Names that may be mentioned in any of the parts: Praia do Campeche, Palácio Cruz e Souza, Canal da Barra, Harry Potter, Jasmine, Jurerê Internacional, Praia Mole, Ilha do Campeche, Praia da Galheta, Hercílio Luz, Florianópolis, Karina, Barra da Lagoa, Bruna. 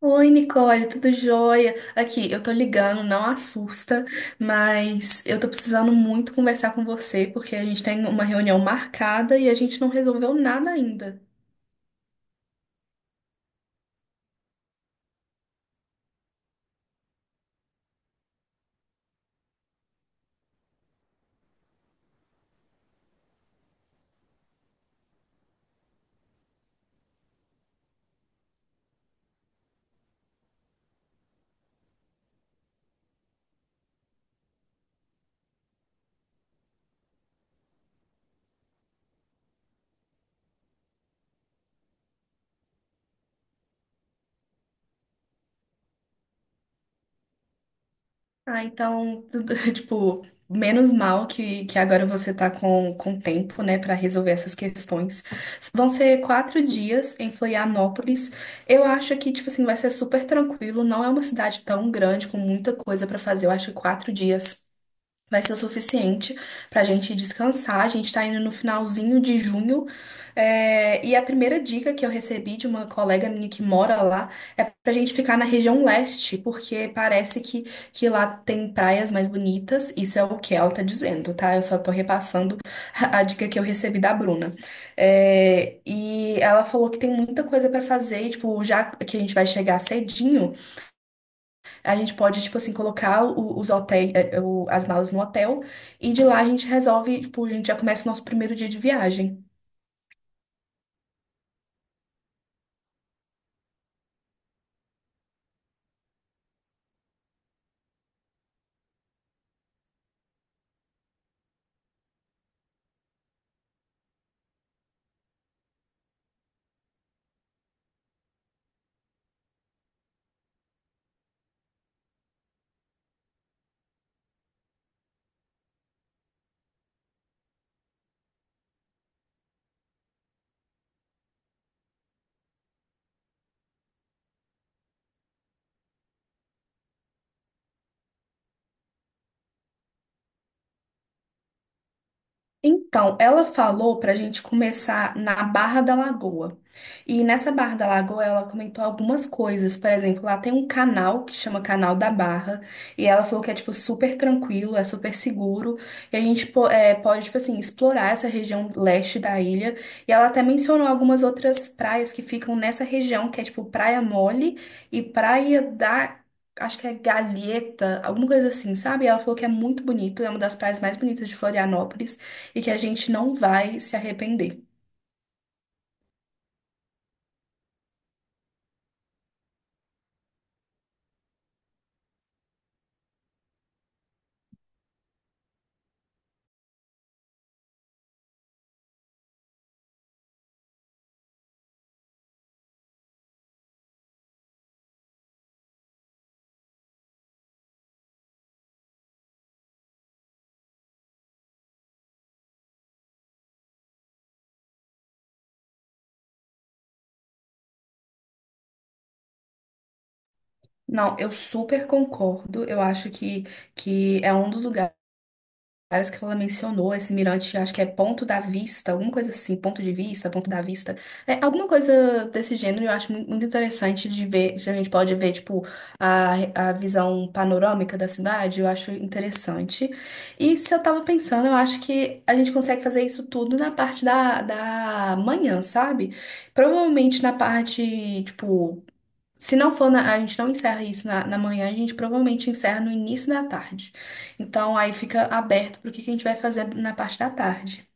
Oi, Nicole, tudo jóia? Aqui, eu tô ligando, não assusta, mas eu tô precisando muito conversar com você porque a gente tem uma reunião marcada e a gente não resolveu nada ainda. Ah, então, tipo, menos mal que agora você tá com tempo, né, pra resolver essas questões. Vão ser 4 dias em Florianópolis. Eu acho que, tipo assim, vai ser super tranquilo. Não é uma cidade tão grande com muita coisa pra fazer. Eu acho que 4 dias vai ser o suficiente para a gente descansar. A gente está indo no finalzinho de junho. E a primeira dica que eu recebi de uma colega minha que mora lá é para a gente ficar na região leste, porque parece que lá tem praias mais bonitas. Isso é o que ela está dizendo, tá? Eu só tô repassando a dica que eu recebi da Bruna. É, e ela falou que tem muita coisa para fazer, e, tipo, já que a gente vai chegar cedinho. A gente pode, tipo assim, colocar o- os hotéis, eh, o- as malas no hotel, e de lá a gente resolve, tipo, a gente já começa o nosso primeiro dia de viagem. Então, ela falou para a gente começar na Barra da Lagoa. E nessa Barra da Lagoa, ela comentou algumas coisas. Por exemplo, lá tem um canal que chama Canal da Barra. E ela falou que é, tipo, super tranquilo, é super seguro. E a gente pode, tipo assim, explorar essa região leste da ilha. E ela até mencionou algumas outras praias que ficam nessa região, que é, tipo, Praia Mole e Praia da. Acho que é Galheta, alguma coisa assim, sabe? E ela falou que é muito bonito, é uma das praias mais bonitas de Florianópolis e que a gente não vai se arrepender. Não, eu super concordo. Eu acho que é um dos lugares que ela mencionou, esse mirante, acho que é Ponto da Vista, alguma coisa assim, Ponto de Vista, Ponto da Vista. É, alguma coisa desse gênero eu acho muito, muito interessante de ver, que a gente pode ver, tipo, a visão panorâmica da cidade, eu acho interessante. E se eu tava pensando, eu acho que a gente consegue fazer isso tudo na parte da manhã, sabe? Provavelmente na parte, tipo, se não for na, a gente não encerra isso na manhã, a gente provavelmente encerra no início da tarde. Então aí fica aberto para o que que a gente vai fazer na parte da tarde.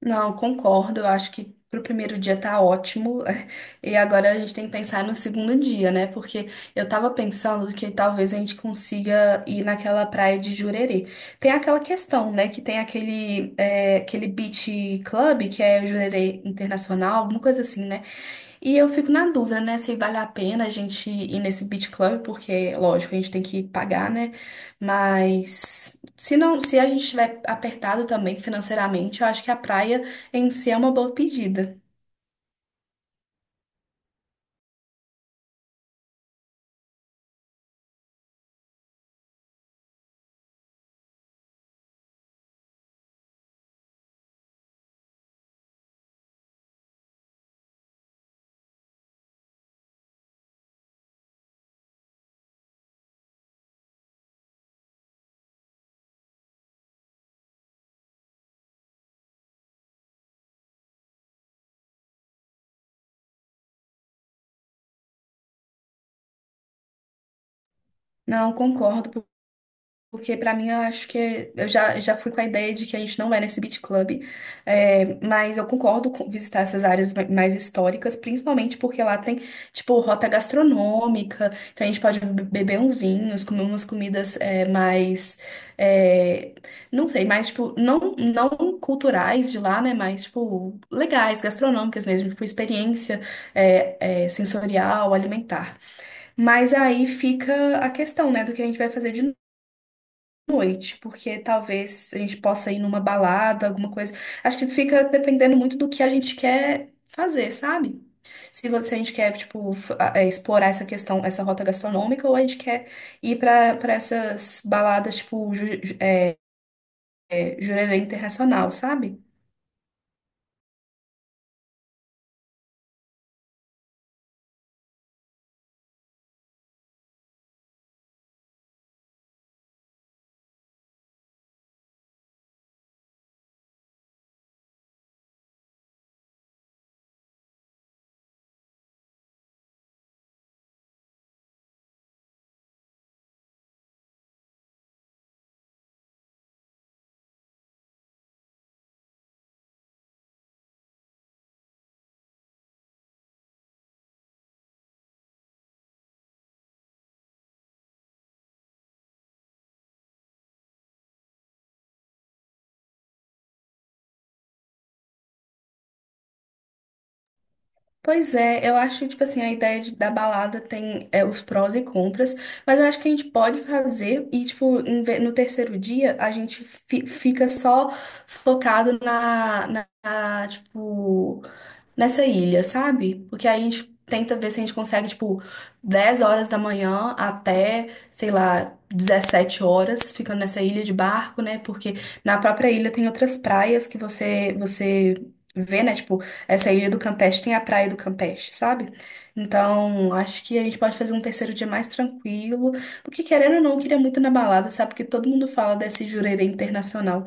Não, concordo, eu acho que pro primeiro dia tá ótimo. E agora a gente tem que pensar no segundo dia, né? Porque eu tava pensando que talvez a gente consiga ir naquela praia de Jurerê. Tem aquela questão, né? Que tem aquele beach club, que é Jurerê Internacional, alguma coisa assim, né? E eu fico na dúvida, né, se vale a pena a gente ir nesse beach club, porque, lógico, a gente tem que pagar, né? Mas se não, se a gente estiver apertado também financeiramente, eu acho que a praia em si é uma boa pedida. Não, concordo. Porque pra mim eu acho que eu já fui com a ideia de que a gente não vai nesse beat club, mas eu concordo com visitar essas áreas mais históricas, principalmente porque lá tem, tipo, rota gastronômica, então a gente pode beber uns vinhos, comer umas comidas mais, é, não sei, mais, tipo, não, não culturais de lá, né, mas, tipo, legais, gastronômicas mesmo, tipo, experiência sensorial, alimentar. Mas aí fica a questão, né, do que a gente vai fazer de noite, porque talvez a gente possa ir numa balada, alguma coisa. Acho que fica dependendo muito do que a gente quer fazer, sabe? Se você, a gente quer, tipo, explorar essa questão, essa rota gastronômica, ou a gente quer ir pra para essas baladas, tipo, Jurerê Internacional, sabe? Pois é, eu acho, tipo assim, a ideia da balada tem, os prós e contras, mas eu acho que a gente pode fazer e, tipo, no terceiro dia a gente fica só focado tipo, nessa ilha, sabe? Porque aí a gente tenta ver se a gente consegue, tipo, 10 horas da manhã até, sei lá, 17 horas, ficando nessa ilha de barco, né? Porque na própria ilha tem outras praias que você vê, né? Tipo, essa ilha do Campeche tem a praia do Campeche, sabe? Então, acho que a gente pode fazer um terceiro dia mais tranquilo. Porque querendo ou não, eu queria muito ir na balada, sabe? Porque todo mundo fala desse Jurerê Internacional.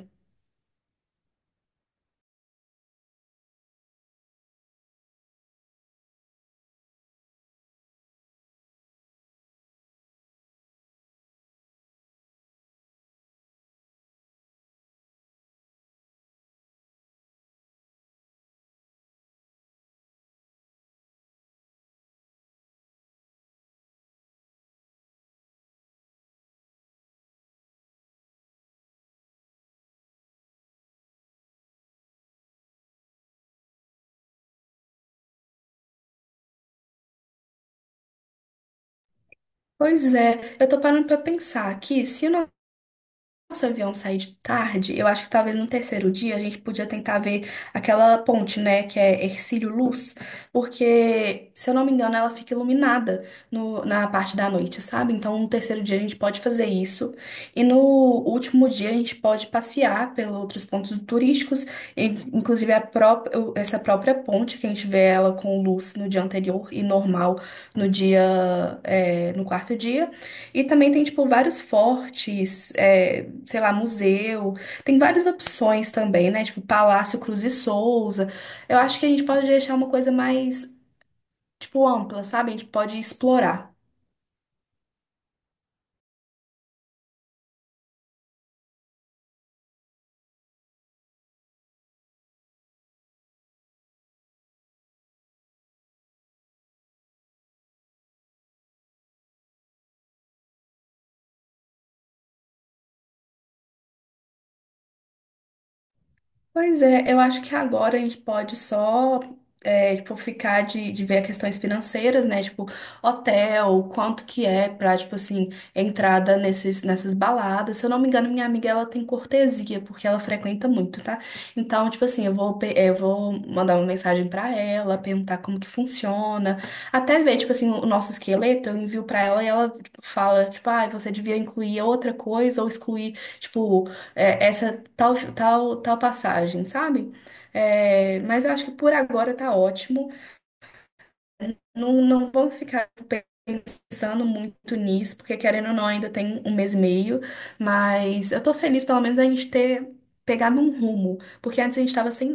Pois é, eu tô parando pra pensar aqui, se o nosso avião sair de tarde, eu acho que talvez no terceiro dia a gente podia tentar ver aquela ponte, né, que é Hercílio Luz, porque, se eu não me engano, ela fica iluminada na parte da noite, sabe? Então, no terceiro dia a gente pode fazer isso, e no último dia a gente pode passear pelos outros pontos turísticos, inclusive a própria, essa própria ponte, que a gente vê ela com luz no dia anterior e normal no dia, no quarto dia. E também tem, tipo, vários fortes, sei lá, museu. Tem várias opções também, né? Tipo, Palácio Cruz e Souza. Eu acho que a gente pode deixar uma coisa mais, tipo, ampla, sabe? A gente pode explorar. Pois é, eu acho que agora a gente pode só, tipo, ficar de ver questões financeiras, né? Tipo, hotel, quanto que é pra, tipo assim, entrada nessas baladas. Se eu não me engano, minha amiga, ela tem cortesia, porque ela frequenta muito, tá? Então, tipo assim, eu vou mandar uma mensagem pra ela, perguntar como que funciona. Até ver, tipo assim, o nosso esqueleto, eu envio pra ela e ela, tipo, fala, tipo, ah, você devia incluir outra coisa ou excluir, tipo, essa tal, tal, tal passagem, sabe? É, mas eu acho que por agora tá ótimo. Não, não vamos ficar pensando muito nisso, porque querendo ou não, ainda tem um mês e meio, mas eu tô feliz pelo menos a gente ter pegado um rumo, porque antes a gente tava sem